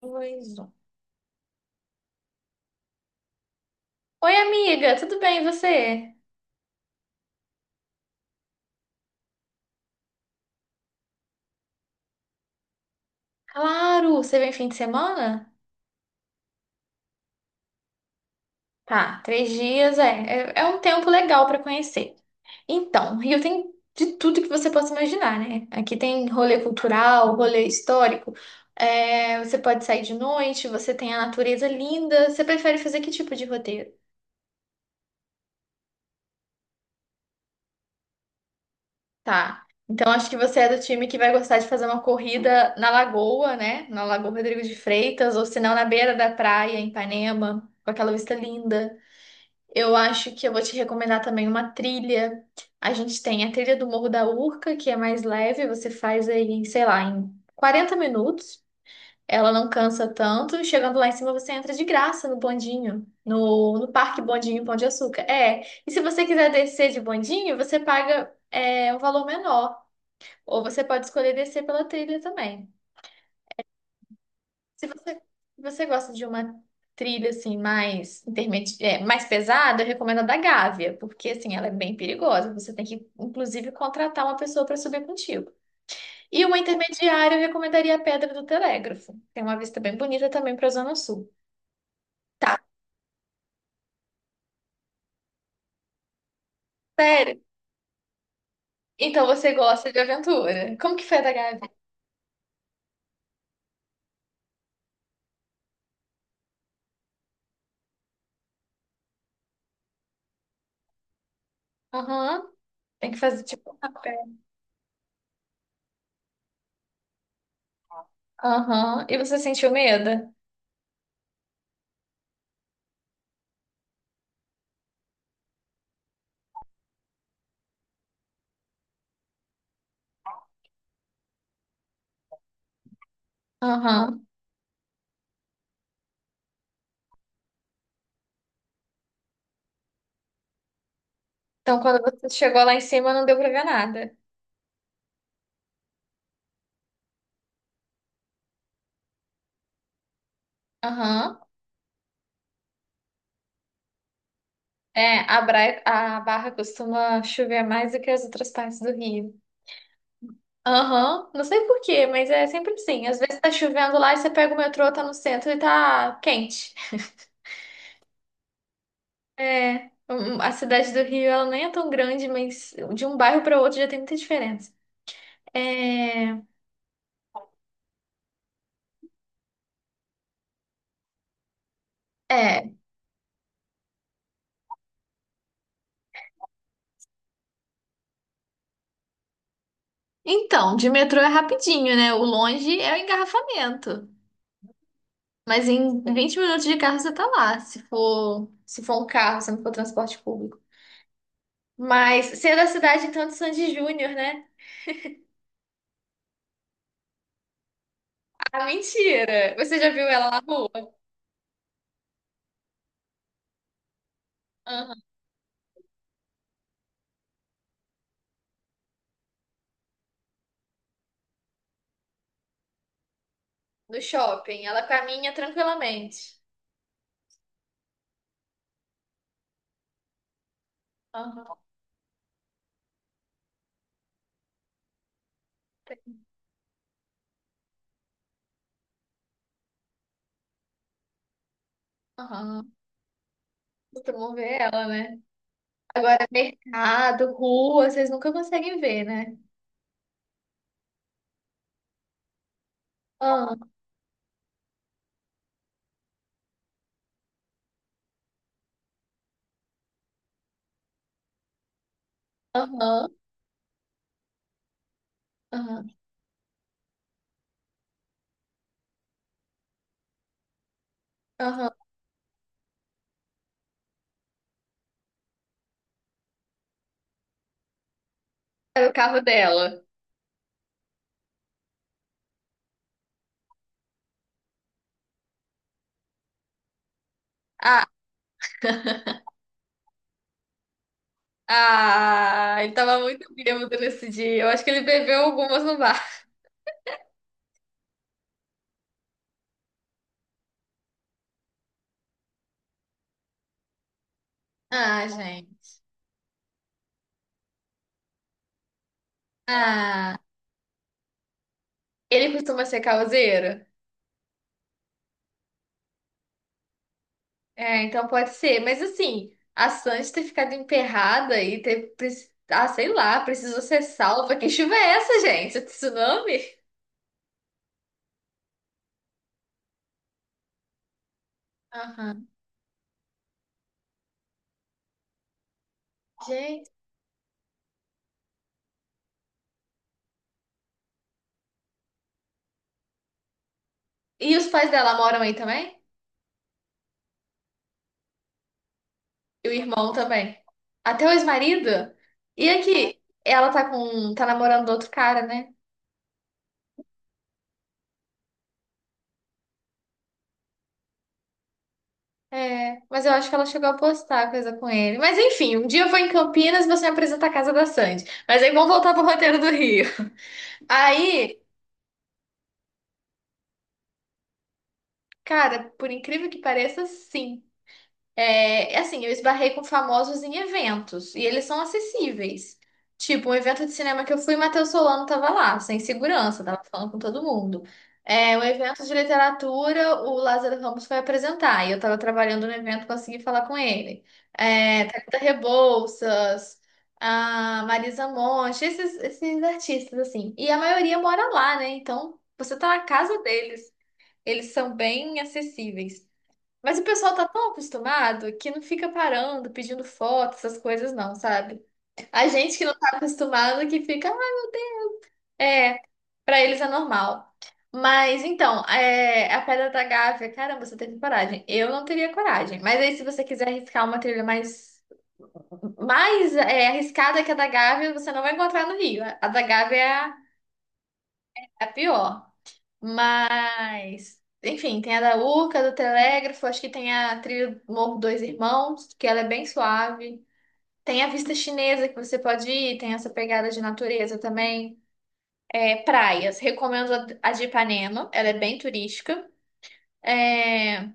Dois, um. Oi, amiga, tudo bem e você? Claro, você vem fim de semana? Tá, três dias é um tempo legal para conhecer. Então, Rio tem de tudo que você possa imaginar, né? Aqui tem rolê cultural, rolê histórico, você pode sair de noite, você tem a natureza linda. Você prefere fazer que tipo de roteiro? Tá. Então acho que você é do time que vai gostar de fazer uma corrida na lagoa, né? Na Lagoa Rodrigo de Freitas, ou se não, na beira da praia, em Ipanema, com aquela vista linda. Eu acho que eu vou te recomendar também uma trilha. A gente tem a trilha do Morro da Urca, que é mais leve, você faz aí, sei lá, em 40 minutos. Ela não cansa tanto. Chegando lá em cima, você entra de graça no bondinho, no Parque Bondinho Pão de Açúcar. É. E se você quiser descer de bondinho, você paga um valor menor. Ou você pode escolher descer pela trilha também. Se você gosta de uma trilha assim mais mais pesada, eu recomendo a da Gávea, porque assim ela é bem perigosa. Você tem que inclusive contratar uma pessoa para subir contigo. E uma intermediária, eu recomendaria a Pedra do Telégrafo. Tem uma vista bem bonita também para a Zona Sul. Tá, sério? Então você gosta de aventura? Como que foi a da Gávea? Aham. Tem que fazer tipo um rapé. Aham. E você sentiu medo? Aham. Então, quando você chegou lá em cima, não deu pra ver nada. Aham. A a Barra costuma chover mais do que as outras partes do Rio. Aham. Não sei por quê, mas é sempre assim. Às vezes tá chovendo lá e você pega o metrô, tá no centro e tá quente. A cidade do Rio, ela nem é tão grande, mas de um bairro para outro já tem muita diferença. É, é. Então, de metrô é rapidinho, né? O longe é o engarrafamento. Mas em 20 minutos de carro você tá lá, se for um carro, se não for transporte público. Mas você é da cidade, então, de Sandy Júnior, né? Ah, mentira! Você já viu ela na rua? Aham. No shopping. Ela caminha tranquilamente. Aham. Aham. Costumam ver ela, né? Agora, mercado, rua, vocês nunca conseguem ver, né? Aham. Aham. Aham. Aham. Era o carro dela. Ah, ah, ele tava muito bêbado nesse dia. Eu acho que ele bebeu algumas no bar. Ah, gente. Ah, ele costuma ser causeiro? É, então pode ser. Mas assim, a Sandy ter ficado emperrada e Ah, sei lá, precisou ser salva. Que chuva é essa, gente? É tsunami? Aham. Gente. E os pais dela moram aí também? E o irmão também? Até o ex-marido? E aqui, ela tá com. Tá namorando outro cara, né? É, mas eu acho que ela chegou a postar coisa com ele. Mas enfim, um dia eu vou em Campinas e você me apresenta a casa da Sandy. Mas aí vamos voltar pro roteiro do Rio. Aí, cara, por incrível que pareça, sim. É, assim, eu esbarrei com famosos em eventos e eles são acessíveis. Tipo, um evento de cinema que eu fui, Matheus Solano tava lá, sem segurança, tava falando com todo mundo. É, um evento de literatura, o Lázaro Ramos foi apresentar e eu tava trabalhando no evento, consegui falar com ele. É, Thalita Rebouças, a Marisa Monte, esses artistas, assim. E a maioria mora lá, né? Então, você tá na casa deles. Eles são bem acessíveis. Mas o pessoal tá tão acostumado que não fica parando, pedindo foto, essas coisas não, sabe? A gente que não tá acostumado que fica, "Ah, é, pra eles é normal." Mas então, é, a Pedra da Gávea, caramba, você teve coragem. Eu não teria coragem. Mas aí, se você quiser arriscar uma trilha mais arriscada que a da Gávea, você não vai encontrar no Rio. A da Gávea é a pior. Mas, enfim, tem a da Urca, do Telégrafo, acho que tem a trilha do Morro Dois Irmãos, que ela é bem suave. Tem a vista chinesa que você pode ir, tem essa pegada de natureza também. É, praias, recomendo a de Ipanema, ela é bem turística. É,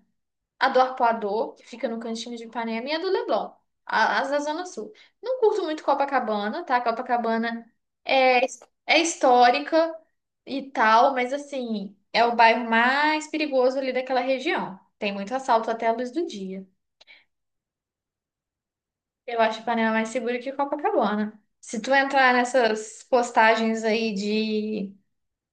a do Arpoador, que fica no cantinho de Ipanema, e a do Leblon, as da Zona Sul. Não curto muito Copacabana, tá? Copacabana é, é histórica e tal, mas assim, é o bairro mais perigoso ali daquela região. Tem muito assalto até a luz do dia. Eu acho Ipanema mais seguro que Copacabana. Se tu entrar nessas postagens aí de,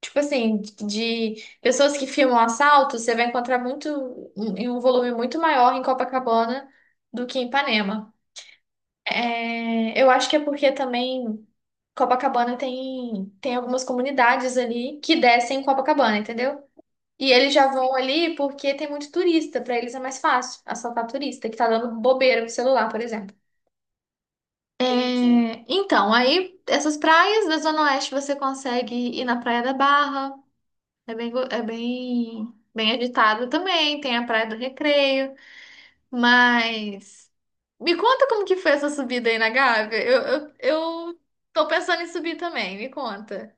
tipo assim, de pessoas que filmam assalto, você vai encontrar muito, em um volume muito maior em Copacabana do que em Ipanema. É, eu acho que é porque também Copacabana tem algumas comunidades ali que descem em Copacabana, entendeu? E eles já vão ali porque tem muito turista, pra eles é mais fácil assaltar turista que tá dando bobeira no celular, por exemplo. É, então, aí essas praias da Zona Oeste você consegue ir na Praia da Barra, é é bem agitado também, tem a Praia do Recreio, mas me conta como que foi essa subida aí na Gávea, eu, eu tô pensando em subir também, me conta.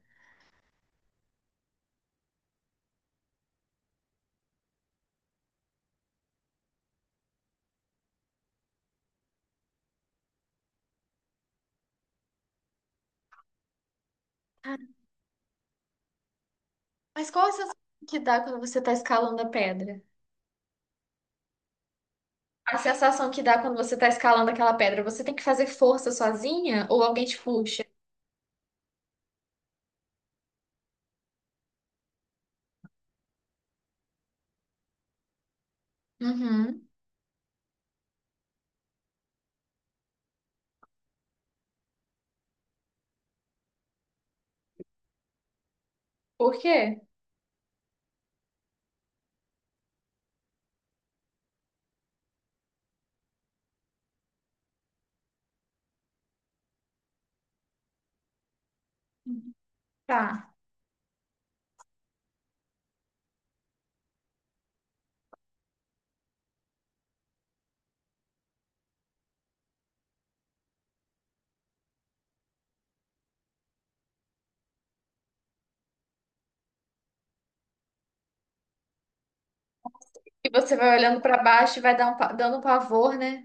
Mas qual a sensação que dá quando você tá escalando a pedra? A sensação que dá quando você tá escalando aquela pedra, você tem que fazer força sozinha ou alguém te puxa? Uhum. Por quê? Tá. E você vai olhando pra baixo e vai dar um dando um pavor, né?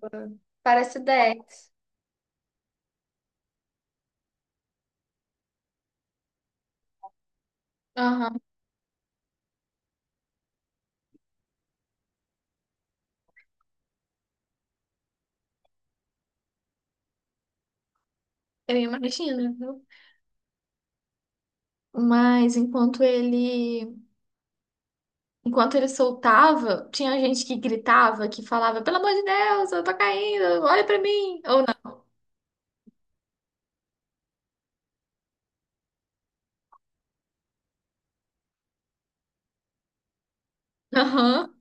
Caramba. Parece Dex. Aham, eu imagino, viu? Mas enquanto ele soltava, tinha gente que gritava, que falava, pelo amor de Deus, eu tô caindo, olha pra mim. Ou não. Aham.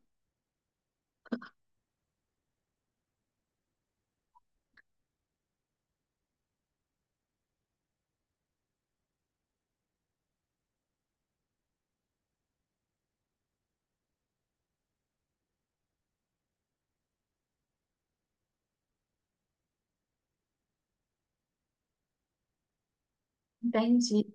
Entendi,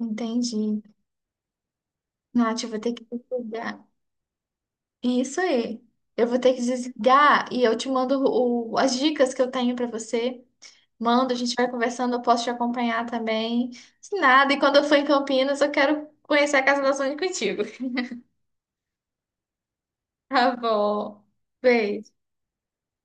entendi. Nath, eu vou ter que desligar. Isso aí. Eu vou ter que desligar e eu te mando as dicas que eu tenho pra você. Manda, a gente vai conversando, eu posso te acompanhar também. Se nada, e quando eu for em Campinas, eu quero conhecer a Casa da Sônia contigo. Tá bom. Beijo.